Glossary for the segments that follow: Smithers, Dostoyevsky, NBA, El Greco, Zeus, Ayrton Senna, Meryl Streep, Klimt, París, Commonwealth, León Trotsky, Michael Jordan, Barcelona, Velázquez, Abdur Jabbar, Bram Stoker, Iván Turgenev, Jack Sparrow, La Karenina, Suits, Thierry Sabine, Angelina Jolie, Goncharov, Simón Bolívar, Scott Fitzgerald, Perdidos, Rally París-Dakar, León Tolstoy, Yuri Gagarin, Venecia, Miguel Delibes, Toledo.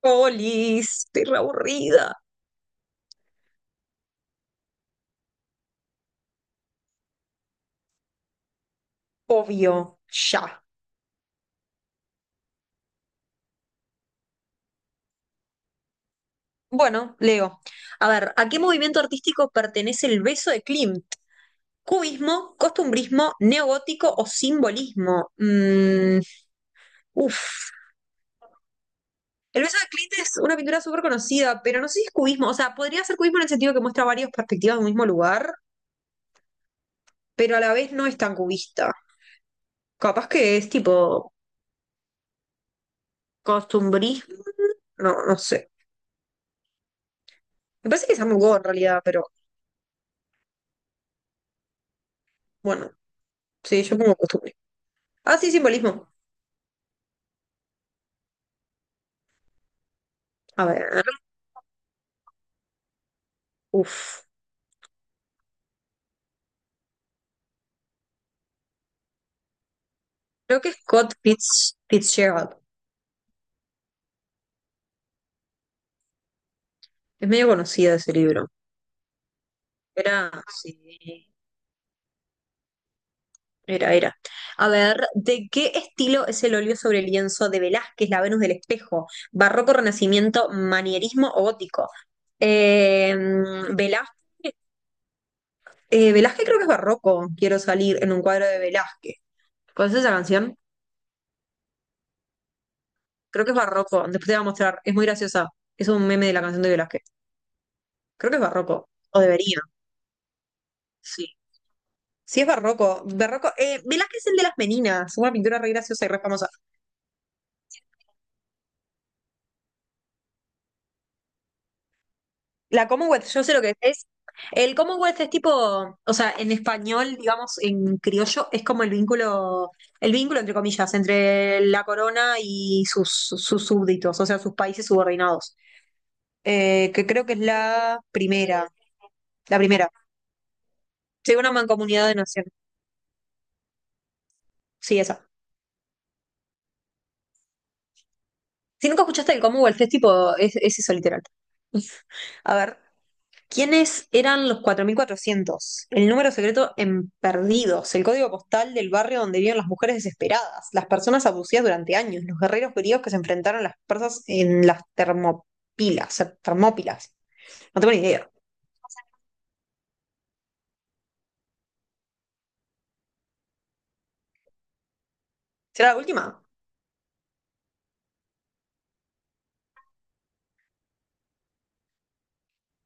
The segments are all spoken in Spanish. Polis, estoy re aburrida. Obvio, ya. Bueno, leo. A ver, ¿a qué movimiento artístico pertenece el beso de Klimt? ¿Cubismo, costumbrismo, neogótico o simbolismo? Uf. El beso de Klimt es una pintura súper conocida, pero no sé si es cubismo. O sea, podría ser cubismo en el sentido que muestra varias perspectivas de un mismo lugar, pero a la vez no es tan cubista. Capaz que es tipo costumbrismo. No, no sé. Me parece que es Among Go en realidad, pero bueno, sí, yo pongo costumbre. Ah, sí, simbolismo. A ver, uff. Creo que es Fitzgerald. Es medio conocido ese libro. Era, sí, era. A ver, ¿de qué estilo es el óleo sobre lienzo de Velázquez, La Venus del Espejo? ¿Barroco, Renacimiento, Manierismo o Gótico? Eh, Velá- Velázquez creo que es barroco. Quiero salir en un cuadro de Velázquez. ¿Conoces esa canción? Creo que es barroco. Después te voy a mostrar. Es muy graciosa. Es un meme de la canción de Velázquez. Creo que es barroco. O debería. Sí. Sí, es barroco. Barroco. Velázquez es el de las meninas. Una pintura re graciosa y re famosa. La Commonwealth, yo sé lo que es. El Commonwealth es tipo, o sea, en español, digamos, en criollo, es como el vínculo entre comillas, entre la corona y sus súbditos, o sea, sus países subordinados. Que creo que es la primera, la primera. Sí, una mancomunidad de naciones. Sí, esa. Si nunca escuchaste el Commonwealth es tipo, es eso literal. A ver, ¿quiénes eran los 4400? ¿El número secreto en Perdidos, el código postal del barrio donde vivían las mujeres desesperadas, las personas abusivas durante años, los guerreros griegos que se enfrentaron a las persas en las termopilas, termópilas? No tengo ni idea. ¿Será la última?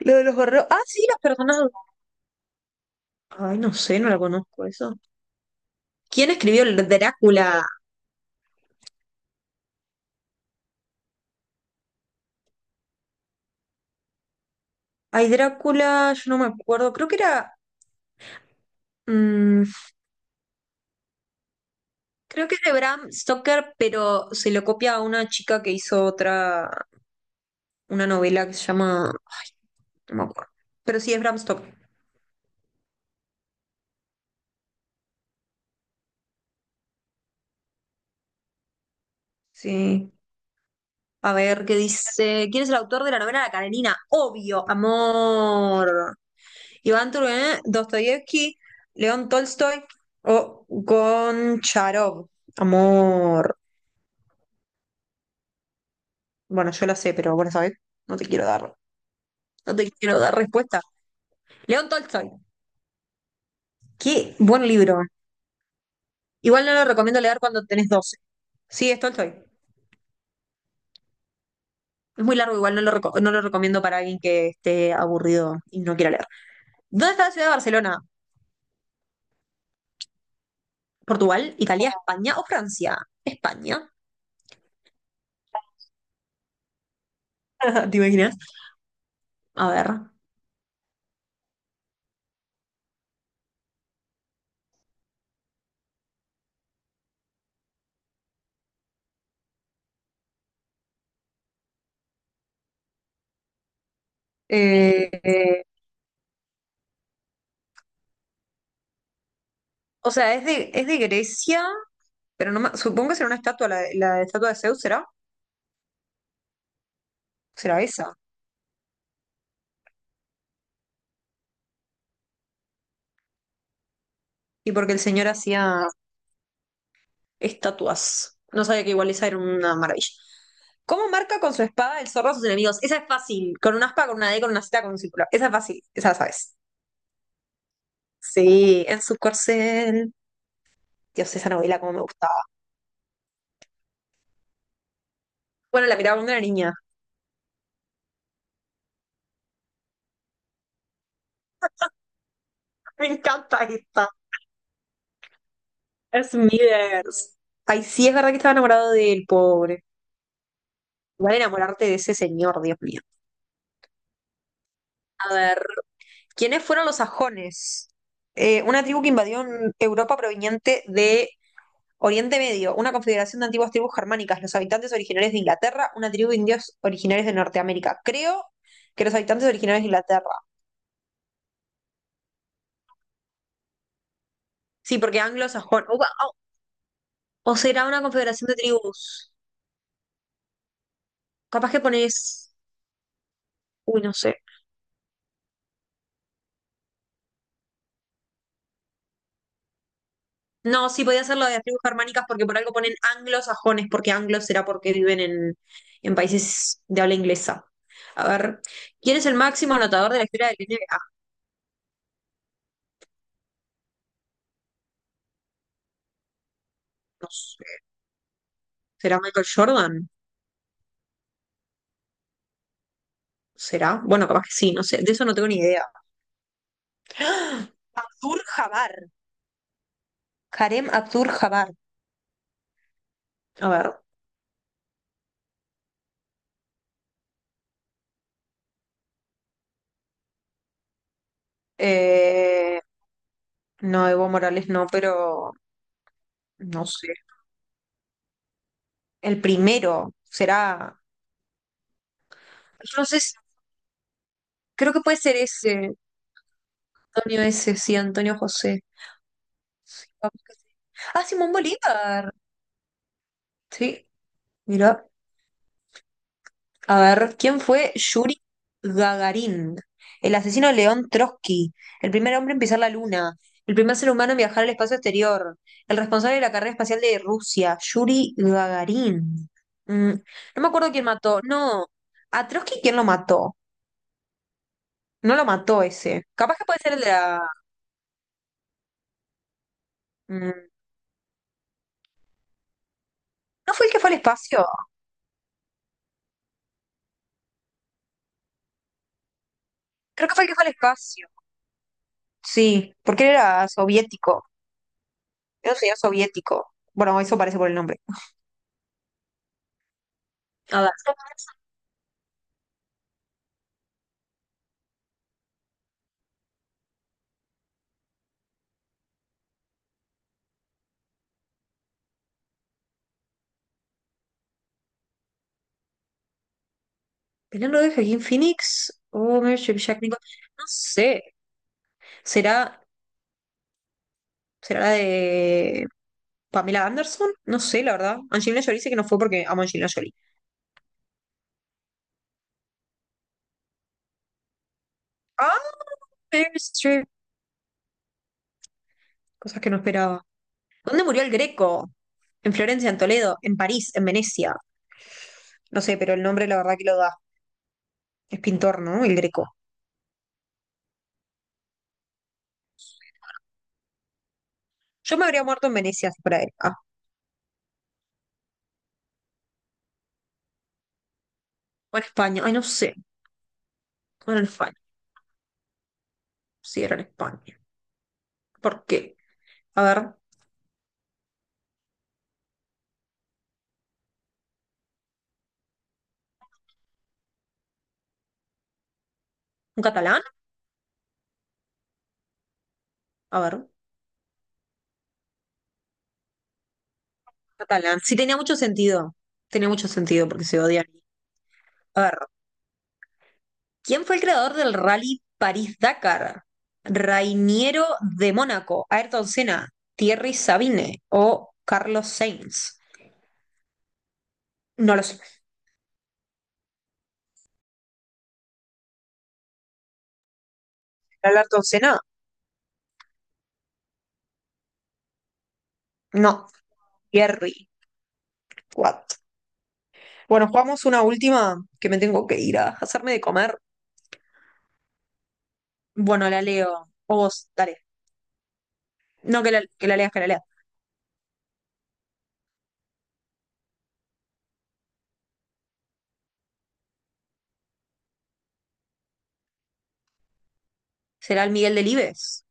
Lo de los guerreros. Ah, sí, las personas. Ay, no sé, no la conozco eso. ¿Quién escribió el Drácula? Ay, Drácula, yo no me acuerdo. Creo que era. mm, Creo que es de Bram Stoker, pero se lo copia a una chica que hizo otra, una novela que se llama, ay, no me acuerdo. Pero sí es Bram Stoker. Sí. A ver, ¿qué dice? ¿Quién es el autor de la novela La Karenina? Obvio, amor. Iván Turgenev, Dostoyevsky, León Tolstoy o Goncharov. Amor. Bueno, yo la sé, pero bueno, ¿sabes? No te quiero dar, no te quiero dar respuesta. León Tolstoy. Qué buen libro. Igual no lo recomiendo leer cuando tenés 12. Sí, esto estoy. Es muy largo, igual no lo recomiendo para alguien que esté aburrido y no quiera leer. ¿Dónde está la ciudad de Barcelona? ¿Portugal? ¿Italia? ¿España o Francia? España. ¿Te imaginas? A ver. Eh, eh, o sea, es de Grecia, pero no me- supongo que será una estatua, la estatua de Zeus, ¿será? ¿Será esa? Y porque el señor hacía estatuas. No sabía que igual esa era una maravilla. ¿Cómo marca con su espada el zorro a sus enemigos? Esa es fácil. Con una aspa, con una D, con una Z, con un círculo. Esa es fácil. Esa la sabes. Sí, en su corcel. Dios, esa novela como me gustaba. Bueno, la miraba cuando era niña. Me encanta esta. Smithers. Ay, sí, es verdad que estaba enamorado de él, pobre. Igual enamorarte de ese señor, Dios mío. A ver, ¿quiénes fueron los sajones? ¿Una tribu que invadió en Europa proveniente de Oriente Medio, una confederación de antiguas tribus germánicas, los habitantes originarios de Inglaterra, una tribu de indios originarios de Norteamérica? Creo que los habitantes originarios de Inglaterra. Sí, porque anglosajón. O será una confederación de tribus. Capaz que pones. Uy, no sé. No, sí, podía ser lo de las tribus germánicas porque por algo ponen anglosajones, porque anglos será porque viven en países de habla inglesa. A ver, ¿quién es el máximo anotador de la historia del NBA? No sé. ¿Será Michael Jordan? ¿Será? Bueno, capaz que sí, no sé. De eso no tengo ni idea. Abdur Jabbar. Harem Abdur Jabbar. A ver. eh, no, Evo Morales no, pero no sé. El primero será. Entonces, creo que puede ser ese. Antonio ese, sí, Antonio José. Vamos que sí. Ah, Simón Bolívar. Sí, mira. A ver, ¿quién fue Yuri Gagarin? ¿El asesino de León Trotsky, el primer hombre en pisar la luna, el primer ser humano en viajar al espacio exterior, el responsable de la carrera espacial de Rusia? Yuri Gagarin. Mm, no me acuerdo quién mató. No, a Trotsky, ¿quién lo mató? No lo mató ese. Capaz que puede ser el de la... mm, ¿no fue el que fue al espacio? Creo que fue el que fue al espacio. Sí, porque él era soviético. Era un señor soviético. Bueno, eso parece por el nombre. A ver. ¿Penal de Joaquín Phoenix o Mary Shelley Jack Nicholson? No sé. ¿Será, ¿será la de Pamela Anderson? No sé, la verdad. Angelina Jolie dice que no fue porque amo a Angelina Jolie. ¡Ah! Meryl Streep. Cosas que no esperaba. ¿Dónde murió el Greco? ¿En Florencia, en Toledo, en París, en Venecia? No sé, pero el nombre la verdad que lo da. Es pintor, ¿no? El Greco. Yo me habría muerto en Venecia si fuera él. Ah, o en España. Ay, no sé. O en España. Sí, era en España. ¿Por qué? A ver, ¿un catalán? A ver. Catalán. Sí, tenía mucho sentido. Tenía mucho sentido porque se odian. A ver, ¿quién fue el creador del Rally París-Dakar? ¿Rainiero de Mónaco, Ayrton Senna, Thierry Sabine o Carlos Sainz? No lo sé. ¿Era Ayrton Senna? No, Thierry. What? Bueno, jugamos una última que me tengo que ir a hacerme de comer. Bueno, la leo. O vos, dale. No, que la leas, que la leas. ¿Será el Miguel Delibes?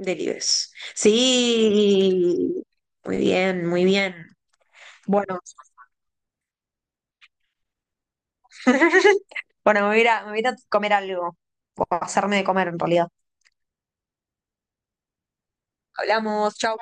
Delibes. Sí, muy bien, muy bien. Bueno, bueno, me voy a ir a comer algo, o hacerme de comer en realidad. Hablamos, chao.